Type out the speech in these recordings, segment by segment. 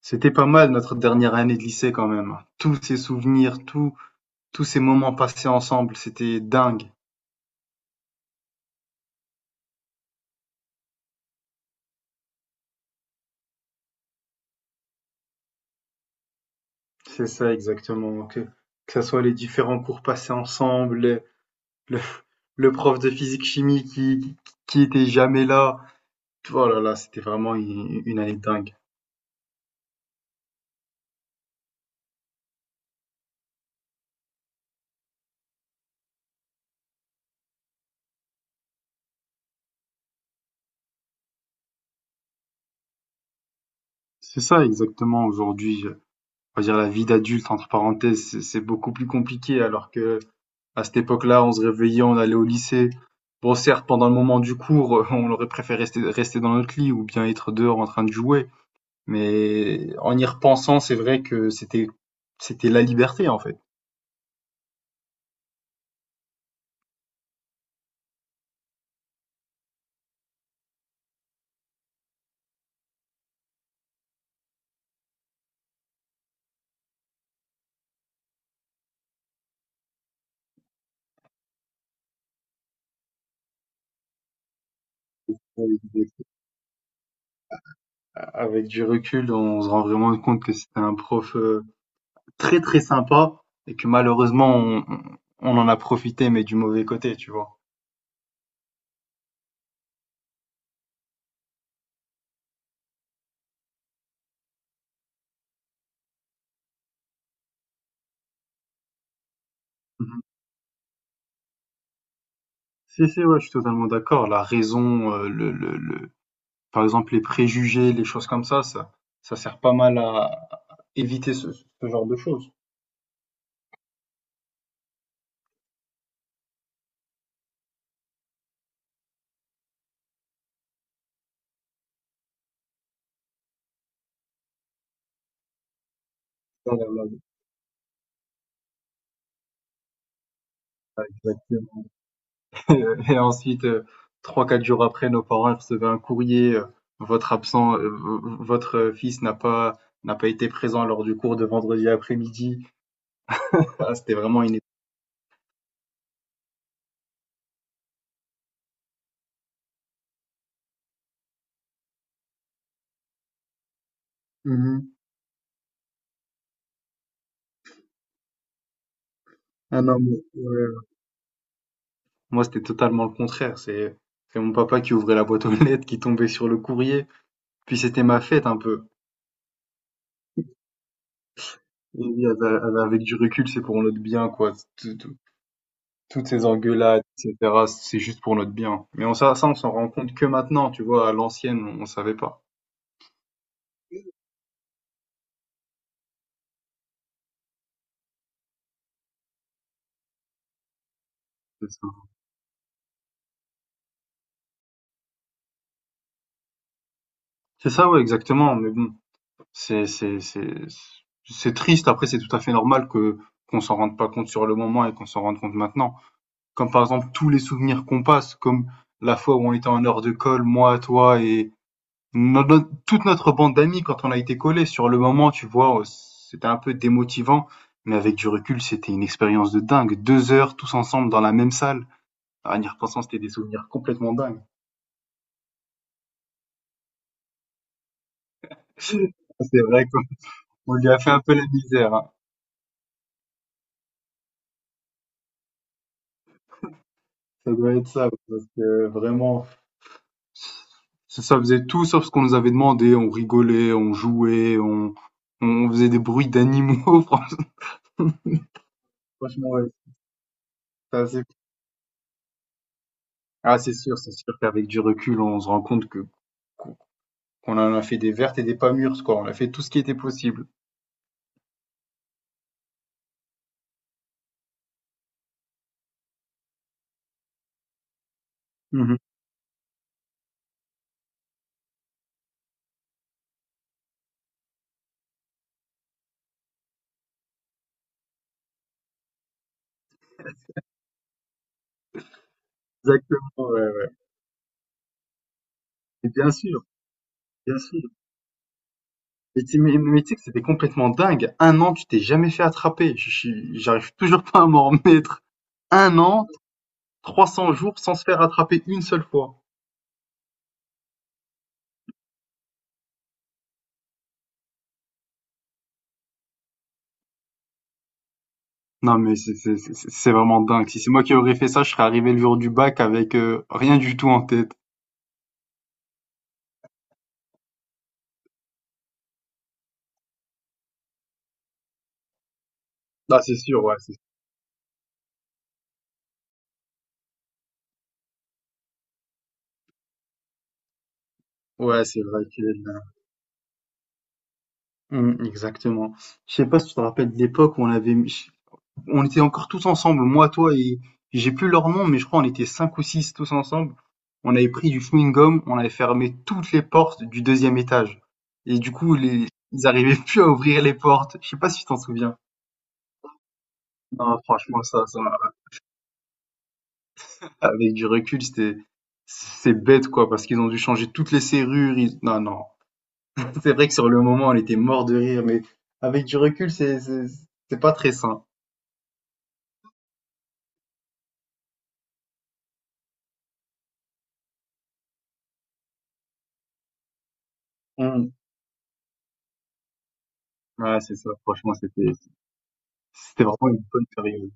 C'était pas mal notre dernière année de lycée quand même. Tous ces souvenirs, tous ces moments passés ensemble, c'était dingue. C'est ça exactement. Que ce soit les différents cours passés ensemble, le- le prof de physique-chimie qui était jamais là. Oh là là, c'était vraiment une année dingue. C'est ça exactement aujourd'hui. On va dire la vie d'adulte, entre parenthèses, c'est beaucoup plus compliqué alors que à cette époque-là, on se réveillait, on allait au lycée. Bon, certes, pendant le moment du cours, on aurait préféré rester dans notre lit ou bien être dehors en train de jouer. Mais en y repensant, c'est vrai que c'était la liberté, en fait. Avec du recul, on se rend vraiment compte que c'était un prof très très sympa et que malheureusement, on en a profité, mais du mauvais côté, tu vois. Mhm. Si, si, ouais, je suis totalement d'accord. La raison, par exemple, les préjugés, les choses comme ça, ça sert pas mal à éviter ce genre de choses. Et ensuite, trois, quatre jours après, nos parents recevaient un courrier, votre absent, votre fils n'a pas été présent lors du cours de vendredi après-midi. Ah, c'était vraiment une... Mhm. Ah non, mais, ouais. Moi, c'était totalement le contraire. C'est mon papa qui ouvrait la boîte aux lettres, qui tombait sur le courrier. Puis c'était ma fête un peu. Et oui, avec du recul, c'est pour notre bien, quoi. Toutes ces engueulades, et cetera, c'est juste pour notre bien. Mais on s'en rend compte que maintenant, tu vois, à l'ancienne, on savait pas. C'est ça. C'est ça, ouais, exactement. Mais bon, c'est, c'est, c'est, c'est triste. Après, c'est tout à fait normal qu'on s'en rende pas compte sur le moment et qu'on s'en rende compte maintenant. Comme par exemple, tous les souvenirs qu'on passe, comme la fois où on était en heure de colle, moi, toi et, notre toute notre bande d'amis quand on a été collés, sur le moment, tu vois, c'était un peu démotivant, mais avec du recul, c'était une expérience de dingue. Deux heures tous ensemble dans la même salle. Ah, en y repensant, c'était des souvenirs complètement dingues. C'est vrai qu'on lui a fait un peu la misère, hein. Ça doit être ça, parce que vraiment, ça faisait tout sauf ce qu'on nous avait demandé. On rigolait, on jouait, on faisait des bruits d'animaux, ouais, c'était assez fou. Ah, c'est sûr qu'avec du recul, on se rend compte que on en a fait des vertes et des pas mûres, quoi. On a fait tout ce qui était possible. Mmh. Exactement, ouais, ouais. Mais bien sûr, bien sûr. Mais tu sais que c'était complètement dingue. Un an, tu t'es jamais fait attraper. Je suis j'arrive toujours pas à m'en remettre. Un an, 300 jours sans se faire attraper une seule fois. Non mais c'est vraiment dingue. Si c'est moi qui aurais fait ça, je serais arrivé le jour du bac avec, rien du tout en tête. Ah, c'est sûr, ouais, c'est vrai qu'il est là. Mmh, exactement. Je sais pas si tu te rappelles de l'époque où on avait mis on était encore tous ensemble, moi, toi et j'ai plus leur nom, mais je crois on était cinq ou six tous ensemble. On avait pris du chewing-gum, on avait fermé toutes les portes du deuxième étage. Et du coup, ils arrivaient plus à ouvrir les portes. Je sais pas si tu t'en souviens. Non, franchement, avec du recul, c'est bête, quoi, parce qu'ils ont dû changer toutes les serrures. Non, non. C'est vrai que sur le moment, on était mort de rire, mais avec du recul, c'est pas très sain. Mm. Ouais, c'est ça. Franchement, c'était vraiment une bonne période.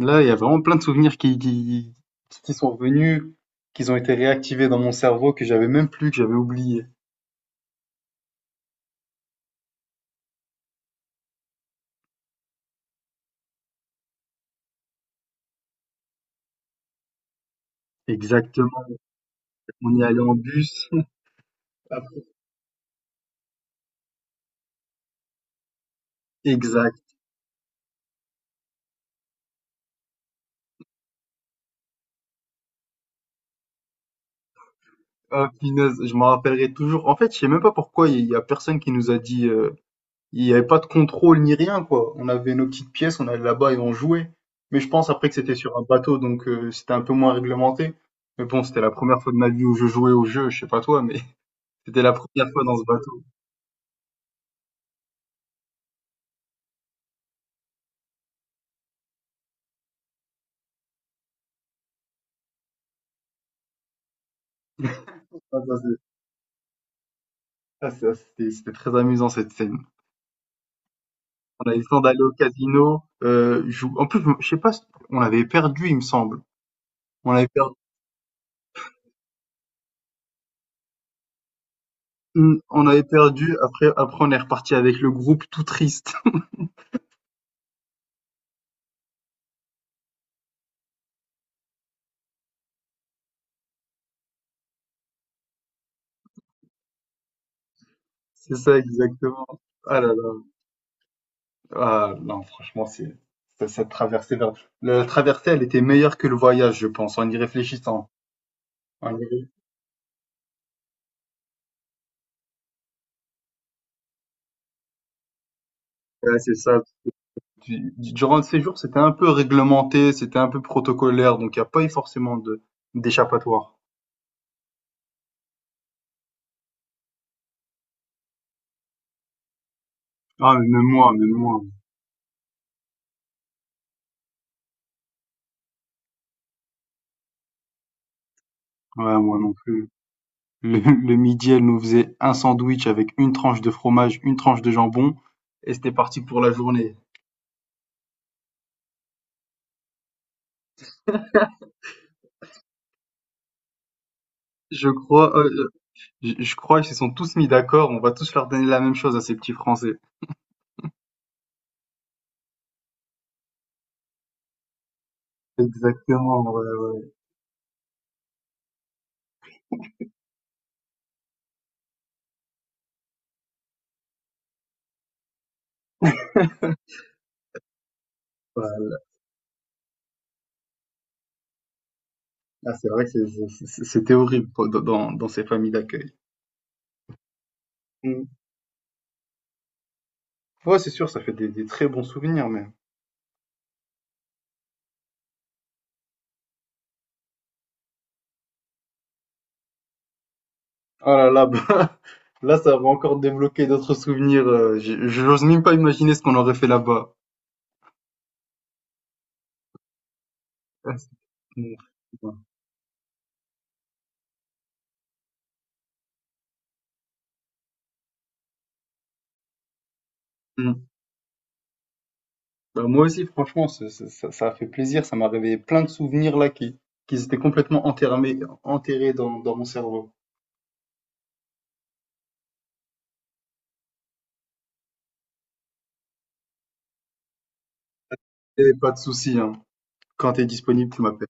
Là, il y a vraiment plein de souvenirs qui sont revenus, qu'ils ont été réactivés dans mon cerveau, que j'avais oublié. Exactement. On y allait en bus. Exact. Ah, punaise, je m'en rappellerai toujours. En fait, je sais même pas pourquoi il y a personne qui nous a dit, il n'y avait pas de contrôle ni rien, quoi. On avait nos petites pièces, on allait là-bas et on jouait. Mais je pense après que c'était sur un bateau, donc c'était un peu moins réglementé. Mais bon, c'était la première fois de ma vie où je jouais au jeu, je sais pas toi, mais c'était la première fois dans ce bateau. Ah, Ah, c'était très amusant cette scène. On avait le d'aller au casino. En plus, je sais pas, si, on avait perdu, il me semble. On avait perdu, on avait perdu. Après, on est reparti avec le groupe tout triste. C'est ça, exactement. Ah là là. Ah, non, franchement, c'est ça- cette traversée. Vers- la traversée, elle était meilleure que le voyage, je pense, en y réfléchissant. En y ré- Ouais, c'est ça. Durant le séjour, c'était un peu réglementé, c'était un peu protocolaire, donc il n'y a pas eu forcément de d'échappatoire. Ah, mais même moi, même moi. Ouais, moi non plus. Le midi, elle nous faisait un sandwich avec une tranche de fromage, une tranche de jambon, et c'était parti pour la journée. Je crois, je crois qu'ils se sont tous mis d'accord, on va tous leur donner la même chose à ces petits Français. Exactement, ouais. Ah, c'est vrai que c'était horrible quoi, dans ces familles d'accueil. Mm. Ouais, c'est sûr, ça fait des très bons souvenirs, mais... Oh là là, bah, là, ça va encore débloquer d'autres souvenirs. J'ose même pas imaginer ce qu'on aurait fait là-bas. Ah, c'est- Mm. Bah, moi aussi, franchement, ça a fait plaisir. Ça m'a réveillé plein de souvenirs là qui étaient complètement enterrés, enterrés dans mon cerveau. Et pas de souci, hein. Quand tu es disponible, tu m'appelles.